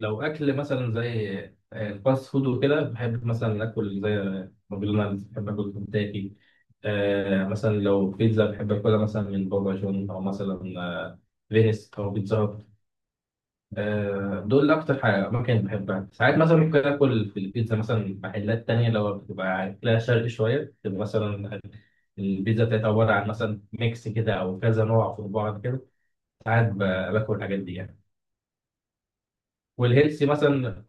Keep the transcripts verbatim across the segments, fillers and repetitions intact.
لو اكل مثلا زي آه، الفاست فود وكده، بحب مثلا اكل زي ماكدونالدز، بحب اكل كنتاكي. آه مثلا لو بيتزا بحب اكلها مثلا من بابا جون، او مثلا آه، فينيس او بيتزا هات. آه دول اكتر حاجه اماكن بحبها. ساعات مثلا ممكن اكل في البيتزا مثلا محلات تانية، لو بتبقى اكلها شرقي شويه تبقى مثلا البيتزا بتاعتها عباره عن مثلا ميكس كده، او كذا نوع في بعض كده. ساعات ب- باكل الحاجات دي يعني. والهيلثي مثلا.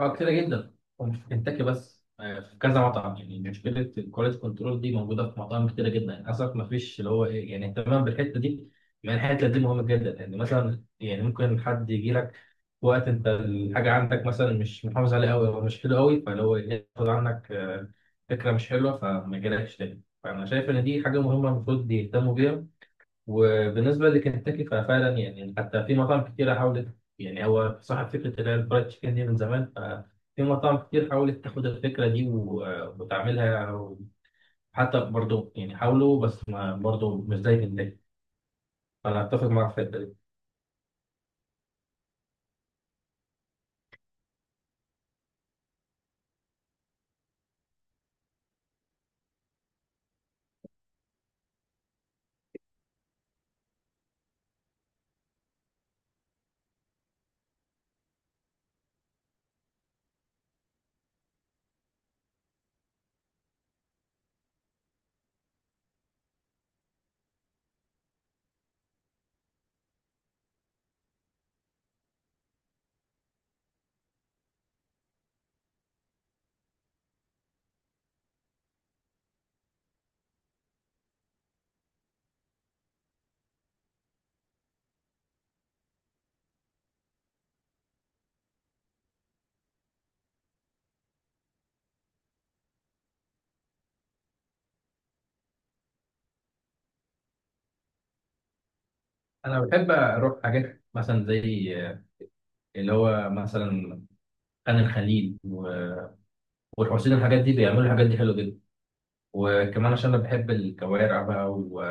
اه، كتيرة جدا ومش في كنتاكي بس، آه، في كذا مطعم يعني. مشكلة الكواليتي كنترول دي موجودة في مطاعم كتيرة جدا يعني، للأسف ما فيش اللي هو إيه يعني اهتمام بالحتة دي. يعني الحتة دي مهمة جدا يعني، مثلا يعني ممكن حد يجي لك في وقت أنت الحاجة عندك مثلا مش محافظ عليها أوي، أو مش حلوة أوي، فاللي هو إيه، ياخد عنك آه، فكرة مش حلوة فما يجيلكش تاني. فأنا شايف إن دي حاجة مهمة المفروض يهتموا بيها. وبالنسبة لكنتاكي ففعلا يعني، حتى في مطاعم كتيرة حاولت، يعني هو صاحب فكرة اللي هي الفرايد تشيكن دي من زمان، ففي مطاعم كتير حاولت تاخد الفكرة دي و- وتعملها، حتى برضو يعني حاولوا، بس ما برضو مش زي كنتاكي. فأنا أتفق معاك في الحتة دي. أنا بحب أروح حاجات مثلا زي اللي هو مثلا خان الخليل و- والحسين، الحاجات دي بيعملوا الحاجات دي حلوة جدا. وكمان عشان انا بحب الكوارع بقى، و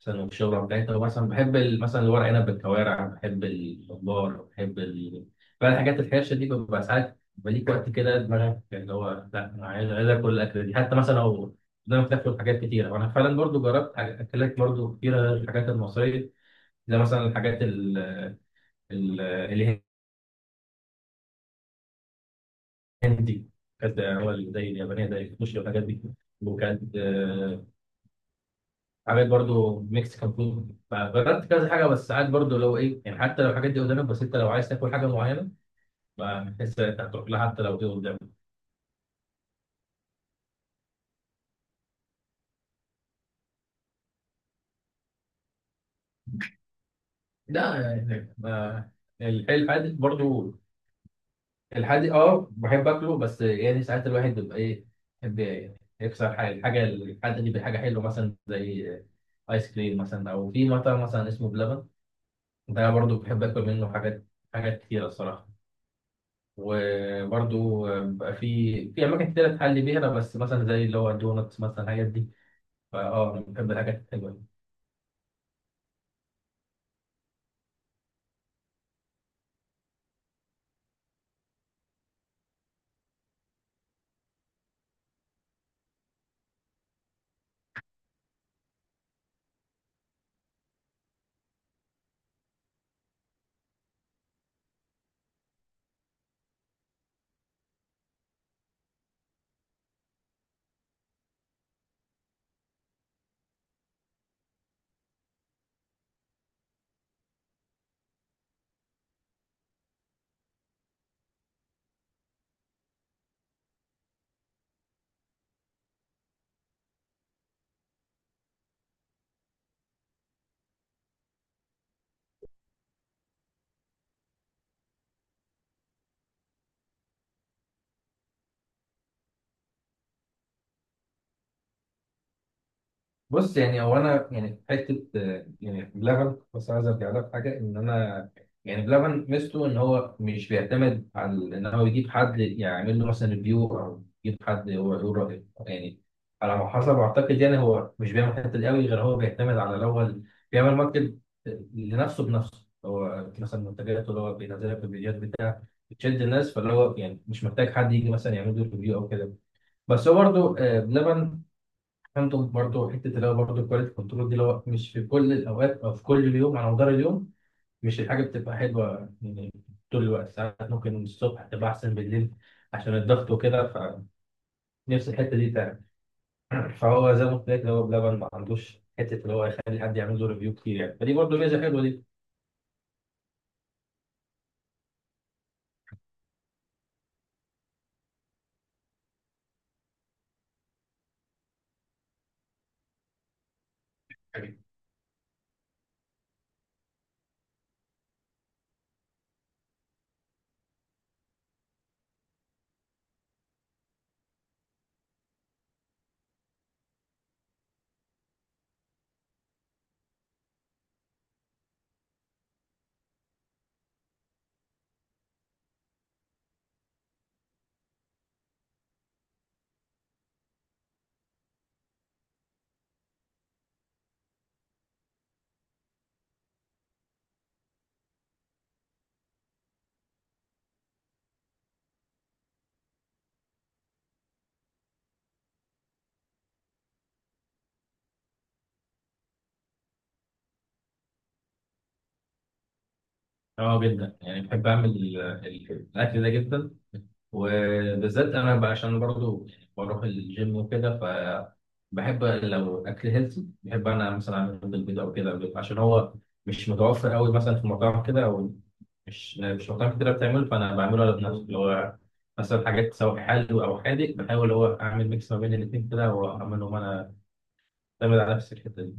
مثلا والشوربه بتاعتها مثلا، بحب ال- مثلا الورق عنب بالكوارع، بحب الخضار، بحب ال... بقى الحاجات الحرشه دي. ببقى ساعات بليك وقت كده دماغك اللي هو لا، انا عايز، عايز اكل الاكله دي، حتى مثلا لو قدامك تاكل حاجات كتيره. وانا فعلا برضو جربت حاجات- اكلات برضو كتيره غير الحاجات المصريه، زي مثلا الحاجات ال... ال... الهندي، كانت هو زي اليابانيه زي السوشي والحاجات دي، وكانت عامل برضو مكسيكان فود، فجربت كذا حاجه. بس ساعات برضو لو ايه يعني، حتى لو الحاجات دي قدامك، بس انت لو عايز تاكل حاجه معينه فبتحس انت هتروح لها حتى لو دي قدامك. لا يعني ما- الحلو الحادق برضو. الحادق اه بحب اكله، بس يعني ساعات الواحد بيبقى ايه، بيحب يكسر حاجه، الحاجه الحادق دي بحاجه حلوه مثلا زي ايس كريم مثلا، او في مطعم مثلا اسمه بلبن، ده برضو بحب اكل منه حاجات، حاجات كتيره الصراحه. وبرضو بقى في في اماكن كتير تحلي بيها أنا، بس مثلا زي اللي هو الدونتس مثلا الحاجات دي. فاه أه، انا بحب الحاجات الحلوه دي. بص يعني هو انا يعني في حته آه، يعني بلبن، بس عايز ارجع لك حاجه ان انا، يعني بلبن ميزته ان هو مش بيعتمد على ان هو يجيب حد يعمل له مثلا ريفيو، او يجيب حد هو يقول رايه يعني، على ما حسب اعتقد. يعني هو مش بيعمل الحته دي قوي، غير هو بيعتمد على الاول بيعمل ماركت لنفسه بنفسه، هو مثلا منتجاته اللي هو بينزلها في الفيديوهات بتشد الناس، فاللي هو يعني مش محتاج حد يجي مثلا يعمل له ريفيو او كده. بس هو برضه آه، بلبن عنده برضه حته اللي هو برضه الكواليتي كنترول دي، اللي هو مش في كل الاوقات او في كل اليوم على مدار اليوم، مش الحاجه بتبقى حلوه يعني طول الوقت. ساعات ممكن الصبح تبقى احسن بالليل عشان الضغط وكده، فنفس الحته دي تعمل. فهو زي ما قلت لك، اللي هو بلبن ما عندوش حته اللي هو يخلي حد يعمل له ريفيو كتير يعني، فدي برضه ميزه حلوه دي. اه جدا، يعني بحب اعمل ال- ال- الاكل ده جدا. وبالذات انا بقى عشان برضو يعني بروح الجيم وكده، ف بحب لو اكل هيلثي، بحب انا مثلا اعمل بالبيض او كده، عشان هو مش متوفر قوي مثلا في مطاعم كده، او مش مش مطاعم كتير بتعمله، فانا بعمله انا بنفسي اللي هو، مثلا حاجات سواء حلو او حادق، بحاول اللي هو اعمل ميكس ما بين الاثنين كده واعملهم انا، اعتمد على نفسي الحته دي.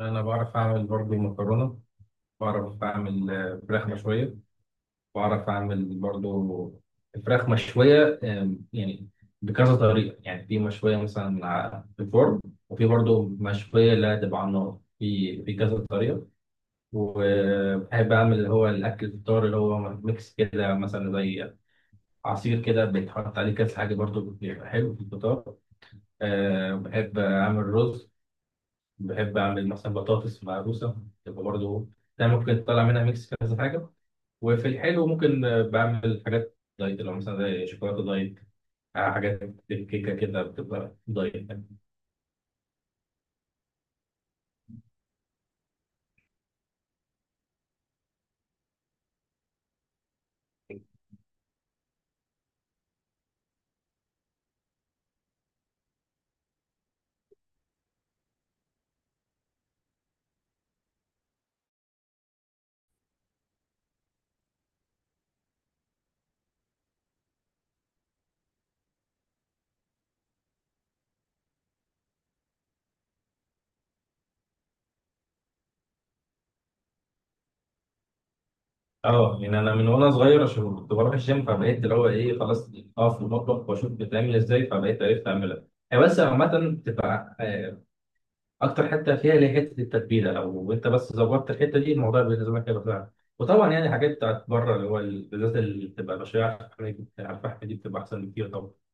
انا بعرف اعمل برضو مكرونه، بعرف اعمل آه، فراخ مشويه، بعرف أعمل برضو الفراخ مشوية آم، يعني بكذا طريقة، يعني في مشوية مثلا ع- في الفرن، وفي برضو مشوية لا تبقى على النار، في في كذا طريقة. وبحب أعمل اللي هو الأكل الفطار اللي هو ميكس كده، مثلا زي عصير كده بيتحط عليه كذا حاجة برضو بيبقى حلو في الفطار. أه بحب أعمل رز، بحب أعمل مثلا بطاطس مهروسة تبقى برضو، ده ممكن تطلع منها ميكس كذا حاجة. وفي الحلو ممكن بعمل حاجات دايت، لو مثلا زي شوكولاته دايت، آه، حاجات كيكه كده بتبقى دايت يعني. اه، يعني انا من وانا صغير عشان كنت بروح الجيم، فبقيت اللي هو ايه خلاص اقف في المطبخ واشوف بتعمل ازاي، فبقيت عرفت اعملها. هي بس عامة بتبقى آه، أكتر حتة فيها اللي هي حتة التتبيلة، لو أنت بس ظبطت الحتة دي الموضوع بالنسبة لك هيبقى سهل. وطبعا يعني حاجات بتاعت بره اللي هو ال- بالذات اللي بتبقى بشرية على الفحم، على الفحم دي بتبقى أحسن بكتير طبعا.